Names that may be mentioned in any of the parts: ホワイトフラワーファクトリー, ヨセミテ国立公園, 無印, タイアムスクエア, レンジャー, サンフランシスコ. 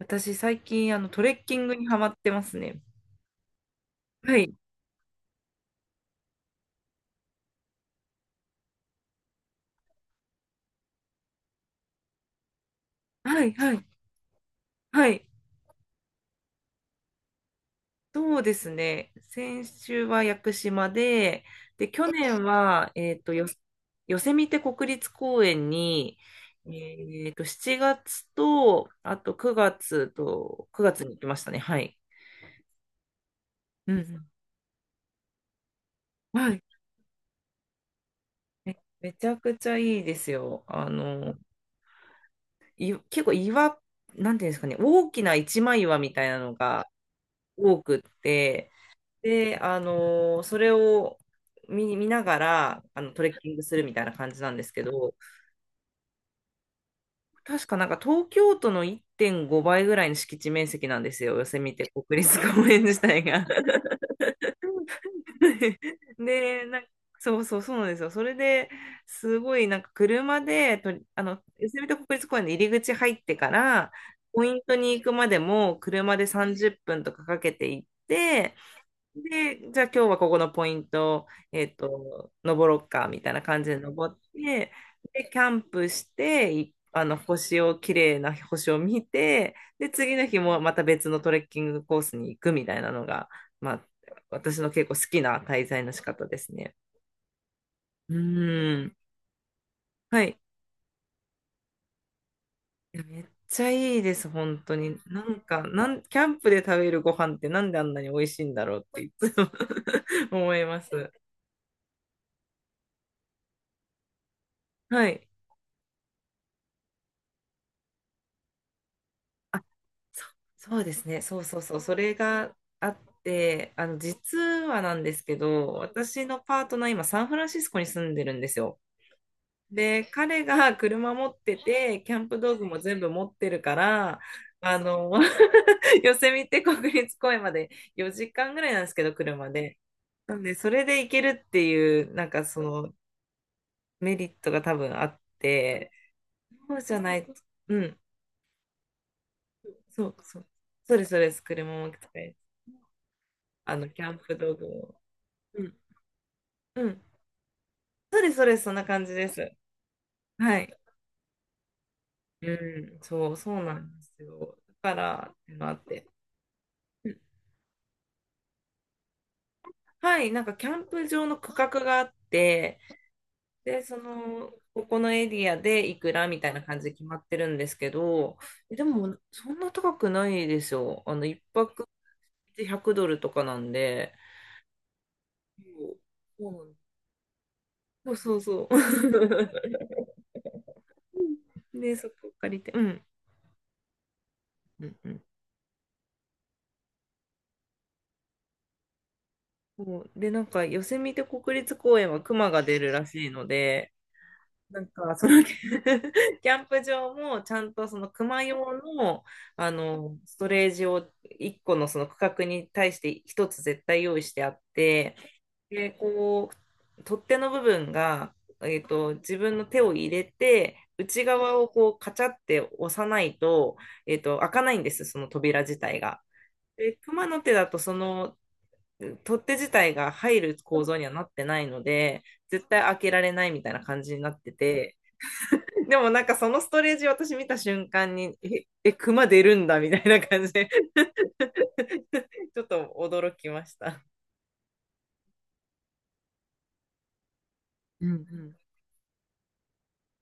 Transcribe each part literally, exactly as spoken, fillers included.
私、最近、あの、トレッキングにハマってますね。はい。はい、はい、はい。そうですね。先週は屋久島で、で、去年は、えっと、よ、ヨセミテ国立公園に、えっと、しちがつと、あとくがつと、くがつに行きましたね。はい。うんうん。はい。め、めちゃくちゃいいですよ。あの、い、結構岩、なんていうんですかね、大きな一枚岩みたいなのが多くって、で、あのーそれを見、見ながらあのトレッキングするみたいな感じなんですけど、確かなんか東京都のいってんごばいぐらいの敷地面積なんですよ、ヨセミテ国立公園自体が。で、なんかそうそうそうなんですよ。それですごいなんか車でとり、あの、ヨセミテ国立公園の入り口入ってから、ポイントに行くまでも車でさんじゅっぷんとかかけて行って、で、じゃあ今日はここのポイント、えっと、登ろっか、みたいな感じで登って、で、キャンプして、いあの、星を、綺麗な星を見て、で、次の日もまた別のトレッキングコースに行くみたいなのが、まあ、私の結構好きな滞在の仕方ですね。うーん。はい。いやめっちゃいいです、本当に。なんか、なん、キャンプで食べるご飯ってなんであんなに美味しいんだろうっていつも 思います。はい。そそうですね。そうそうそう。それがあって、あの、実はなんですけど、私のパートナー、今、サンフランシスコに住んでるんですよ。で、彼が車持ってて、キャンプ道具も全部持ってるから、あの、ヨセミテ国立公園までよじかんぐらいなんですけど、車で。なんで、それで行けるっていう、なんかそのメリットが多分あって、そうじゃない、うん、そうそう、そうです、そうです、車も使え、あの、キャンプ道具も。うん。うん。そうです、そうです。そんな感じです。はい。うん。そう、そうなんですよ。だから、ってのあって。うん。はい。なんか、キャンプ場の区画があって、で、その、ここのエリアでいくらみたいな感じで決まってるんですけど、えでも、そんな高くないですよ。あの、一泊でひゃくドルとかなんで。そうそうなんです。そうそうそう。で、そこ借りて、うん。うんうん。そうで、なんか、ヨセミテ国立公園は熊が出るらしいので、なんか、その キャンプ場も、ちゃんとその熊用の、あの、ストレージをいっこのその区画に対してひとつ絶対用意してあって、で、こう、取っ手の部分が、えっと、自分の手を入れて、内側をこう、カチャって押さないと、えっと、開かないんです、その扉自体が。で、熊の手だとその取っ手自体が入る構造にはなってないので、絶対開けられないみたいな感じになってて、でもなんかそのストレージ私見た瞬間に、え、え、熊出るんだみたいな感じで、ちょっと驚きました。うんうん。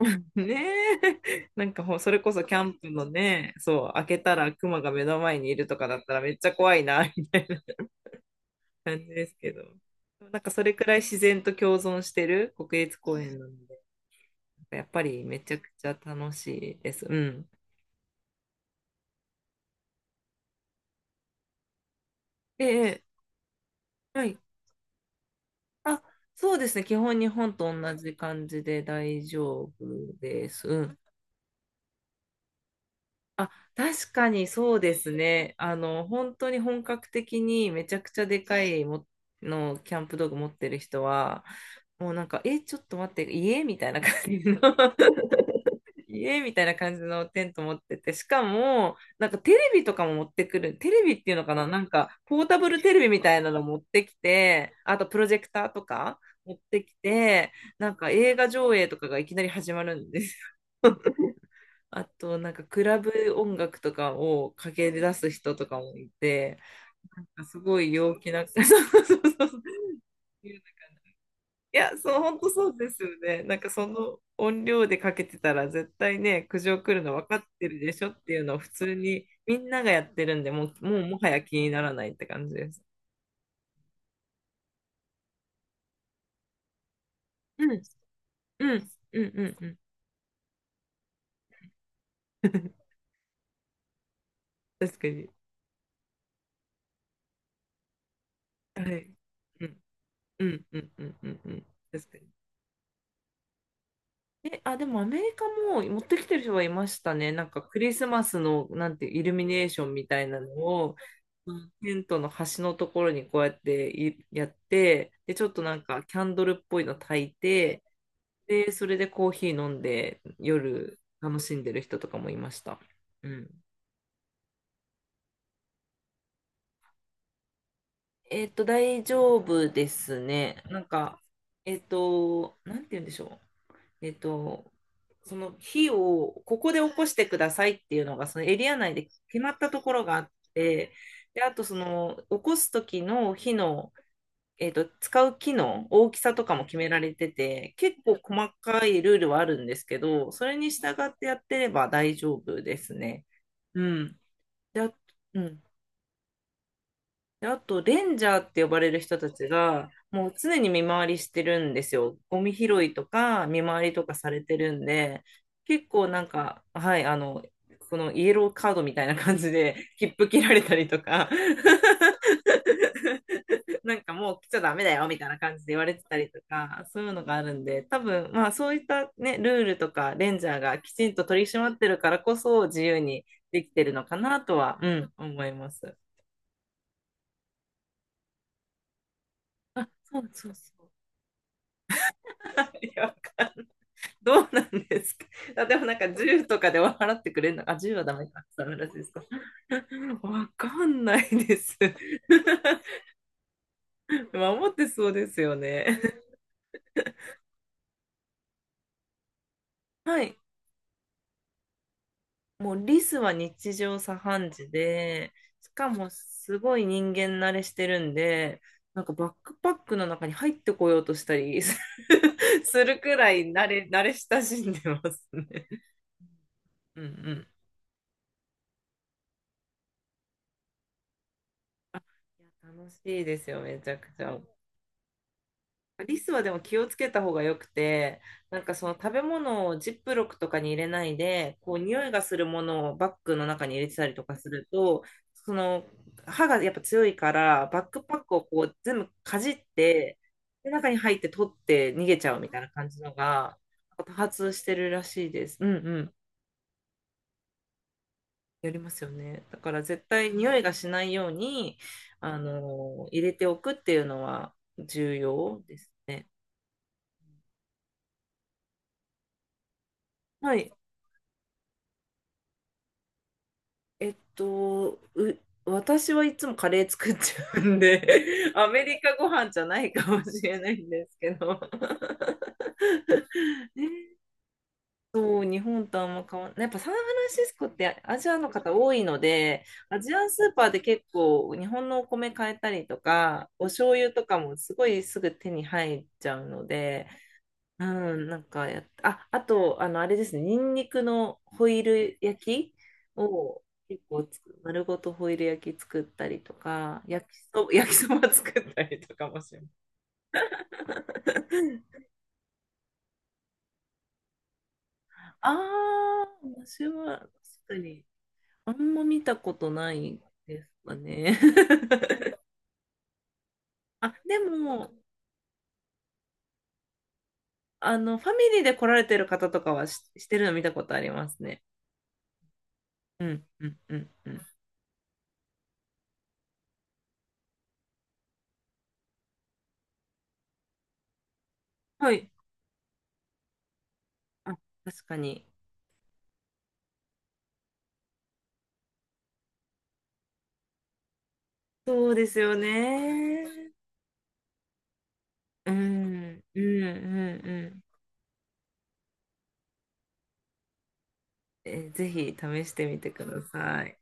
ねえ、なんかほんそれこそキャンプのね、そう、開けたら熊が目の前にいるとかだったらめっちゃ怖いな、みたいな感じですけど。なんかそれくらい自然と共存してる国立公園なので、やっぱりめちゃくちゃ楽しいです。うん。ええ、ええ。はい。あ、そうですね。基本日本と同じ感じで大丈夫です。うん。あ、確かにそうですね。あの、本当に本格的にめちゃくちゃでかいものキャンプ道具持ってる人は、もうなんか、え、ちょっと待って、家みたいな感じの家みたいな感じのテント持ってて、しかも、なんかテレビとかも持ってくる、テレビっていうのかな、なんかポータブルテレビみたいなの持ってきて、あとプロジェクターとか持ってきて、なんか映画上映とかがいきなり始まるんですよ。あと、なんかクラブ音楽とかをかけ出す人とかもいて、なんかすごい陽気な、そうそうそうそう。いや、そう、本当そうですよね。なんかその音量でかけてたら絶対ね、苦情来るの分かってるでしょっていうのを普通にみんながやってるんで、もう、もうもはや気にならないって感じです。うん、うん、うん、うん、うん。確かに。はい。うん、うん、うん、うん、うん。うん。確かに。え、あ、でもアメリカも持ってきてる人はいましたね。なんかクリスマスの、なんていうイルミネーションみたいなのを、テントの端のところにこうやっていやって、で、ちょっとなんかキャンドルっぽいの焚いて、で、それでコーヒー飲んで夜楽しんでる人とかもいました。うん。えっと、大丈夫ですね。なんか、えっと、なんて言うんでしょう。えっと、その火をここで起こしてくださいっていうのがそのエリア内で決まったところがあって、で、あとその起こす時の火の、えっと、使う木の大きさとかも決められてて、結構細かいルールはあるんですけど、それに従ってやってれば大丈夫ですね。うん。で、あ、うん。であと、レンジャーって呼ばれる人たちが、もう常に見回りしてるんですよ。ゴミ拾いとか、見回りとかされてるんで、結構なんか、はい、あの、このイエローカードみたいな感じで、切符切られたりとか、なんかもう来ちゃダメだよみたいな感じで言われてたりとか、そういうのがあるんで、多分、まあそういったね、ルールとか、レンジャーがきちんと取り締まってるからこそ、自由にできてるのかなとは、うん、思います。そうそうそう。いやわかんない。 どうなんですか？あでもなんか銃とかで払ってくれるのかあ、いちはダメか。ダメらしいですか。 わかんないです。守ってそうですよね。はい。もうリスは日常茶飯事で、しかもすごい人間慣れしてるんで、なんかバックパックの中に入ってこようとしたり するくらい慣れ、慣れ親しんでますね。うんうん。いや楽しいですよ、めちゃくちゃ。リスはでも気をつけた方がよくて、なんかその食べ物をジップロックとかに入れないで、こう匂いがするものをバッグの中に入れてたりとかすると、その歯がやっぱ強いから、バックパックをこう全部かじって、で中に入って取って逃げちゃうみたいな感じのが、多発してるらしいです。うんうん。やりますよね。だから絶対匂いがしないように、あの、入れておくっていうのは重要ですね。はい。えっと、う、私はいつもカレー作っちゃうんで、アメリカご飯じゃないかもしれないんですけど。ね。そう、日本とあんま変わんない。やっぱサンフランシスコってアジアの方多いので、アジアンスーパーで結構日本のお米買えたりとか、お醤油とかもすごいすぐ手に入っちゃうので、うん、なんかやっ、あ、あと、あの、あれですね、ニンニクのホイル焼きを結構つく、丸ごとホイル焼き作ったりとか、焼きそ、焼きそば作ったりとかもします。ああ、私は確かに、あんま見たことないですかね。あ、でも、あの、ファミリーで来られてる方とかはし、してるの見たことありますね。うん、うん、うん、うん。はい。あ、確かに。そうですよね。うん、うん、うん、うん。えーぜひ試してみてください。